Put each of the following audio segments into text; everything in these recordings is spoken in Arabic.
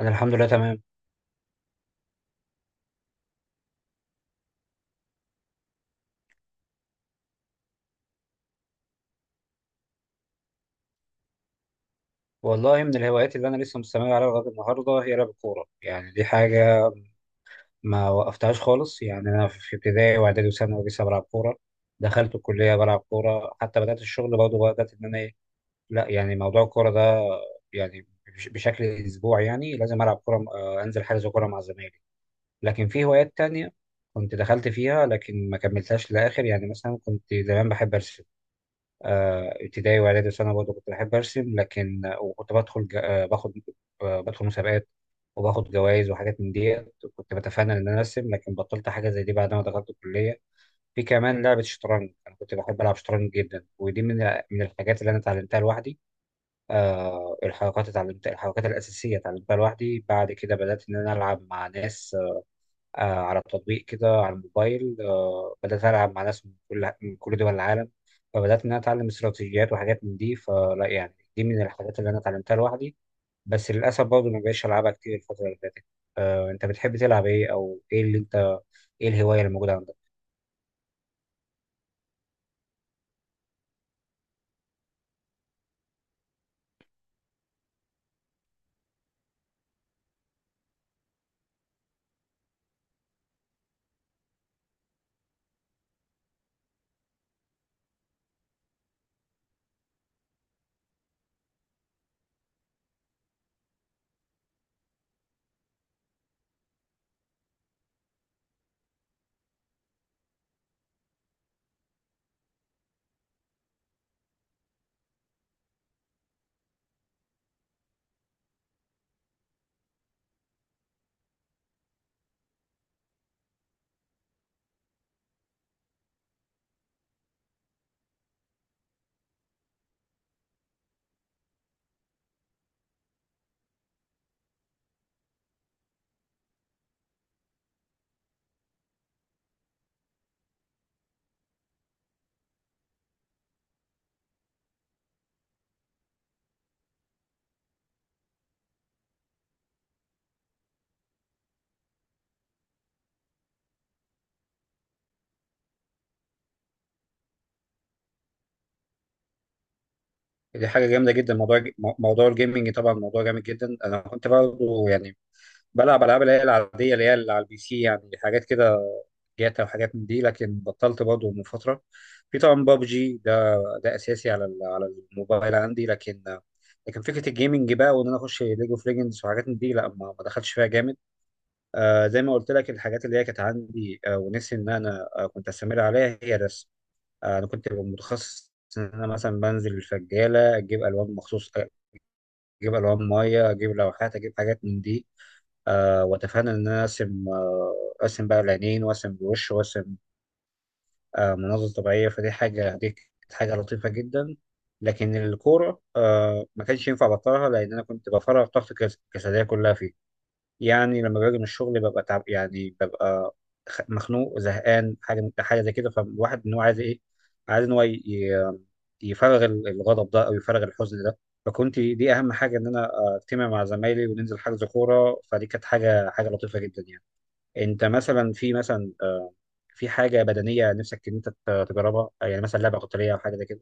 انا الحمد لله تمام. والله من الهوايات اللي انا لسه مستمر عليها لغايه النهارده هي لعب الكوره، يعني دي حاجه ما وقفتهاش خالص. يعني انا في ابتدائي واعدادي وثانوي لسه بلعب كوره، دخلت الكليه بلعب كوره، حتى بدات الشغل برضه بدات ان انا إيه، لا يعني موضوع الكوره ده يعني بشكل اسبوعي يعني لازم العب كوره. انزل حجز كوره مع زمايلي. لكن في هوايات تانية كنت دخلت فيها لكن ما كملتهاش للاخر. يعني مثلا كنت زمان بحب ارسم، ابتدائي واعدادي وثانوي برضه كنت بحب ارسم، لكن وكنت بدخل باخد، بدخل مسابقات وباخد جوائز وحاجات من دي. كنت بتفنن ان انا ارسم، لكن بطلت حاجه زي دي بعد ما دخلت الكليه. في كمان لعبه الشطرنج، انا كنت بحب العب شطرنج جدا، ودي من الحاجات اللي انا اتعلمتها لوحدي. آه، الحركات، اتعلمت الحركات الاساسيه اتعلمتها لوحدي. بعد كده بدات ان انا العب مع ناس على تطبيق كده على الموبايل. بدأت ألعب مع ناس من كل دول العالم، فبدأت إن أنا أتعلم استراتيجيات وحاجات من دي. فلا يعني دي من الحاجات اللي أنا اتعلمتها لوحدي، بس للأسف برضه ما بقتش ألعبها كتير الفترة اللي فاتت. أنت بتحب تلعب إيه؟ أو إيه اللي أنت، إيه الهواية اللي موجودة عندك؟ دي حاجة جامدة جدا، موضوع الجيمنج طبعا موضوع جامد جدا. أنا كنت برضه يعني بلعب العاب اللي هي العاديه، اللي هي اللي على البي سي، يعني حاجات كده جاتا وحاجات من دي، لكن بطلت برضه من فتره. في طبعا بابجي ده، ده اساسي على على الموبايل عندي. لكن فكره الجيمنج بقى وان انا اخش ليج اوف ليجندز وحاجات من دي، لا ما دخلتش فيها جامد. آه، زي ما قلت لك، الحاجات اللي هي كانت عندي آه، ونفسي ان انا آه، كنت استمر عليها هي الرسم. آه، انا كنت ببقى متخصص ان انا مثلا بنزل الفجاله اجيب الوان مخصوص، اجيب الوان ميه، اجيب لوحات، اجيب حاجات من دي. آه، واتفنن ان انا ارسم. آه، ارسم بقى العينين وارسم الوش وارسم آه، مناظر طبيعيه. فدي حاجه، دي كانت حاجه لطيفه جدا. لكن الكوره آه، ما كانش ينفع ابطلها، لان انا كنت بفرغ طاقتي الجسديه كلها فيها. يعني لما باجي من الشغل ببقى تعب، يعني ببقى مخنوق زهقان، حاجه حاجه زي كده. فالواحد ان هو عايز ايه؟ عايز ان هو يفرغ الغضب ده او يفرغ الحزن ده. فكنت دي اهم حاجه ان انا اجتمع مع زمايلي وننزل حجز كوره. فدي كانت حاجه حاجه لطيفه جدا يعني. انت مثلا في مثلا آه، في حاجه بدنيه نفسك ان انت تجربها؟ يعني مثلا لعبه قتاليه او حاجه زي كده؟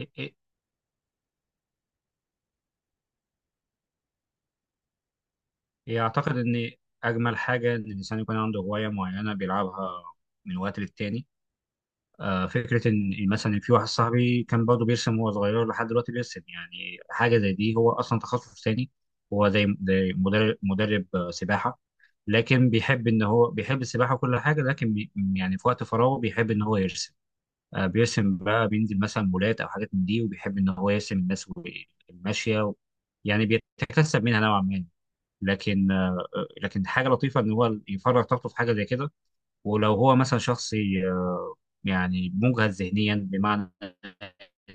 إيه- إيه- إيه، أعتقد إن أجمل حاجة إن الإنسان يكون عنده هواية معينة بيلعبها من وقت للتاني. آه، فكرة إن مثلا في واحد صاحبي كان برضه بيرسم وهو صغير، لحد دلوقتي بيرسم. يعني حاجة زي دي، هو أصلا تخصص تاني، هو زي مدرب، سباحة، لكن بيحب إن هو بيحب السباحة وكل حاجة، لكن بي، يعني في وقت فراغه بيحب إن هو يرسم. آه، بيرسم بقى، بينزل مثلا مولات أو حاجات من دي، وبيحب إن هو يرسم الناس و الماشية و... يعني بيتكسب منها نوعا ما. لكن لكن حاجة لطيفة إن هو يفرغ طاقته في حاجة زي كده. ولو هو مثلا شخص يعني مجهد ذهنيا، بمعنى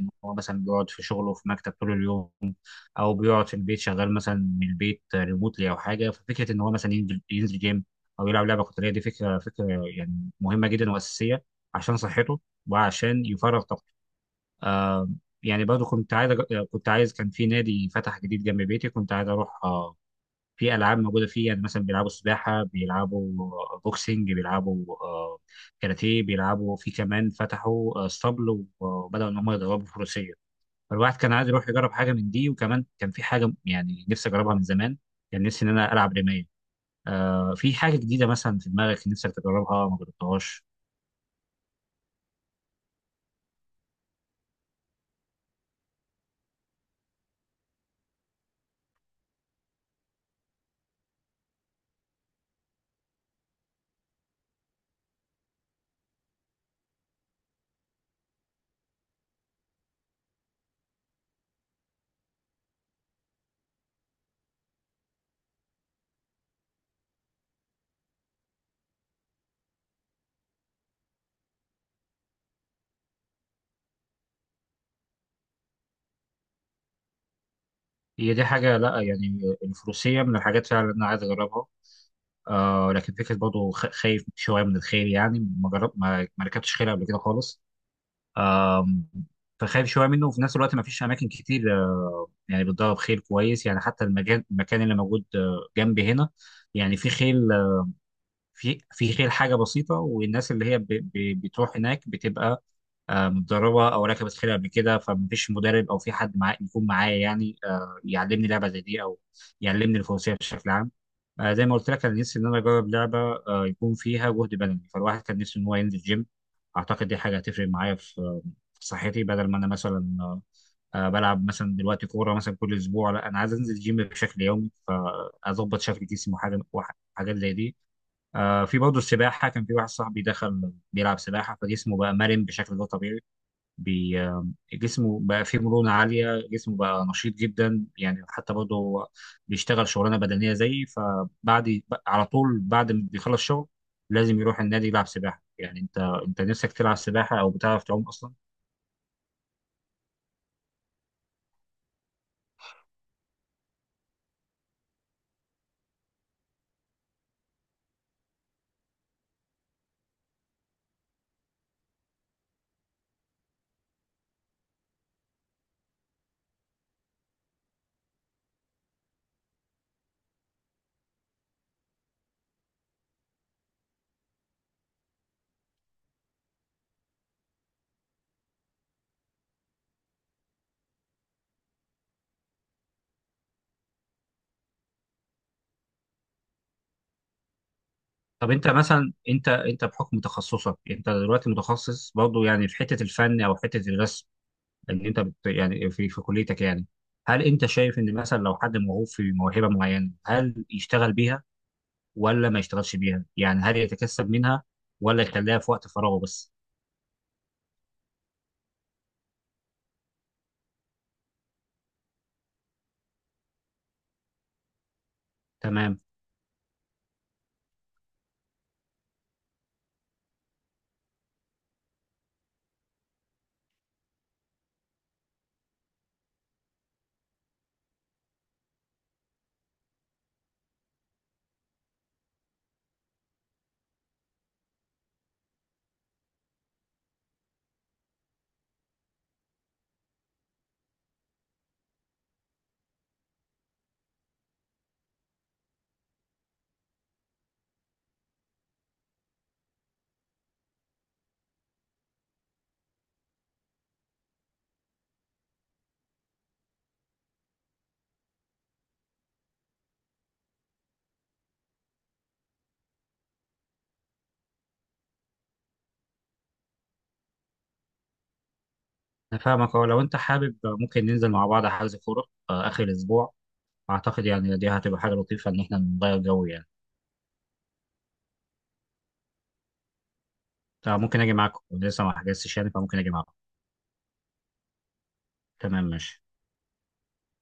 إن هو مثلا بيقعد في شغله في مكتب طول اليوم، او بيقعد في البيت شغال مثلا من البيت ريموتلي او حاجه، ففكره ان هو مثلا ينزل جيم او يلعب لعبه قتاليه، دي فكره يعني مهمه جدا واساسيه عشان صحته وعشان يفرغ طاقته. آه، يعني برضه كنت عايز كنت عايز، كان في نادي فتح جديد جنب بيتي كنت عايز اروح. آه، في العاب موجوده فيه، يعني مثلا بيلعبوا سباحه، بيلعبوا بوكسنج، بيلعبوا آه، كاراتيه، بيلعبوا، في كمان فتحوا آه، اسطبل وبداوا ان هم يدربوا فروسيه. فالواحد كان عايز يروح يجرب حاجه من دي. وكمان كان في حاجه يعني نفسي اجربها من زمان، كان نفسي ان انا العب رمايه. آه، في حاجه جديده مثلا في دماغك نفسك تجربها ما جربتهاش؟ هي دي حاجه، لا يعني الفروسيه من الحاجات فعلا اللي انا عايز اجربها. آه، لكن فكره برضه خايف شويه من الخيل. يعني ما جرب، ما ركبتش خيل قبل كده خالص، فخايف شويه منه. وفي نفس الوقت ما فيش اماكن كتير آه، يعني بتدرب خيل كويس، يعني حتى المكان اللي موجود آه، جنبي هنا، يعني في خيل آه، في خيل حاجه بسيطه، والناس اللي هي بتروح هناك بتبقى آه، متدربه او ركبت خيل قبل كده. فمفيش مدرب او في حد معاه يكون معايا يعني آه، يعلمني لعبه زي دي، او يعلمني الفروسيه بشكل عام. آه، زي ما قلت لك، انا نفسي ان انا اجرب لعبه آه، يكون فيها جهد بدني. فالواحد كان نفسه ان هو ينزل جيم. اعتقد دي حاجه هتفرق معايا في آه، في صحتي، بدل ما انا مثلا بلعب مثلا دلوقتي كوره مثلا كل اسبوع. لا انا عايز انزل جيم بشكل يومي، فاظبط شكل جسمي وحاجه حاجات زي دي. آه، في برضه السباحه، كان في واحد صاحبي دخل بيلعب سباحه فجسمه بقى مرن بشكل غير طبيعي، بي، جسمه بقى فيه مرونة عالية، جسمه بقى نشيط جدا. يعني حتى برضه هو بيشتغل شغلانة بدنية زيي، فبعد على طول بعد ما بيخلص شغل لازم يروح النادي يلعب سباحة. يعني انت، نفسك تلعب سباحة؟ او بتعرف تعوم اصلا؟ طب انت مثلا، انت بحكم تخصصك، انت دلوقتي متخصص برضه يعني في حتة الفن او حتة الرسم اللي انت بت، يعني في كليتك يعني، هل انت شايف ان مثلا لو حد موهوب في موهبة معينة هل يشتغل بيها، ولا ما يشتغلش بيها؟ يعني هل يتكسب منها ولا يخليها في وقت فراغه بس؟ تمام، انا فاهمك. اه لو انت حابب ممكن ننزل مع بعض حجز كوره آه، اخر الاسبوع. اعتقد يعني دي هتبقى حاجه لطيفه ان احنا نغير جو يعني. طب ممكن اجي معاكم، لسه ما حجزتش يعني فممكن اجي معاكم. تمام ماشي.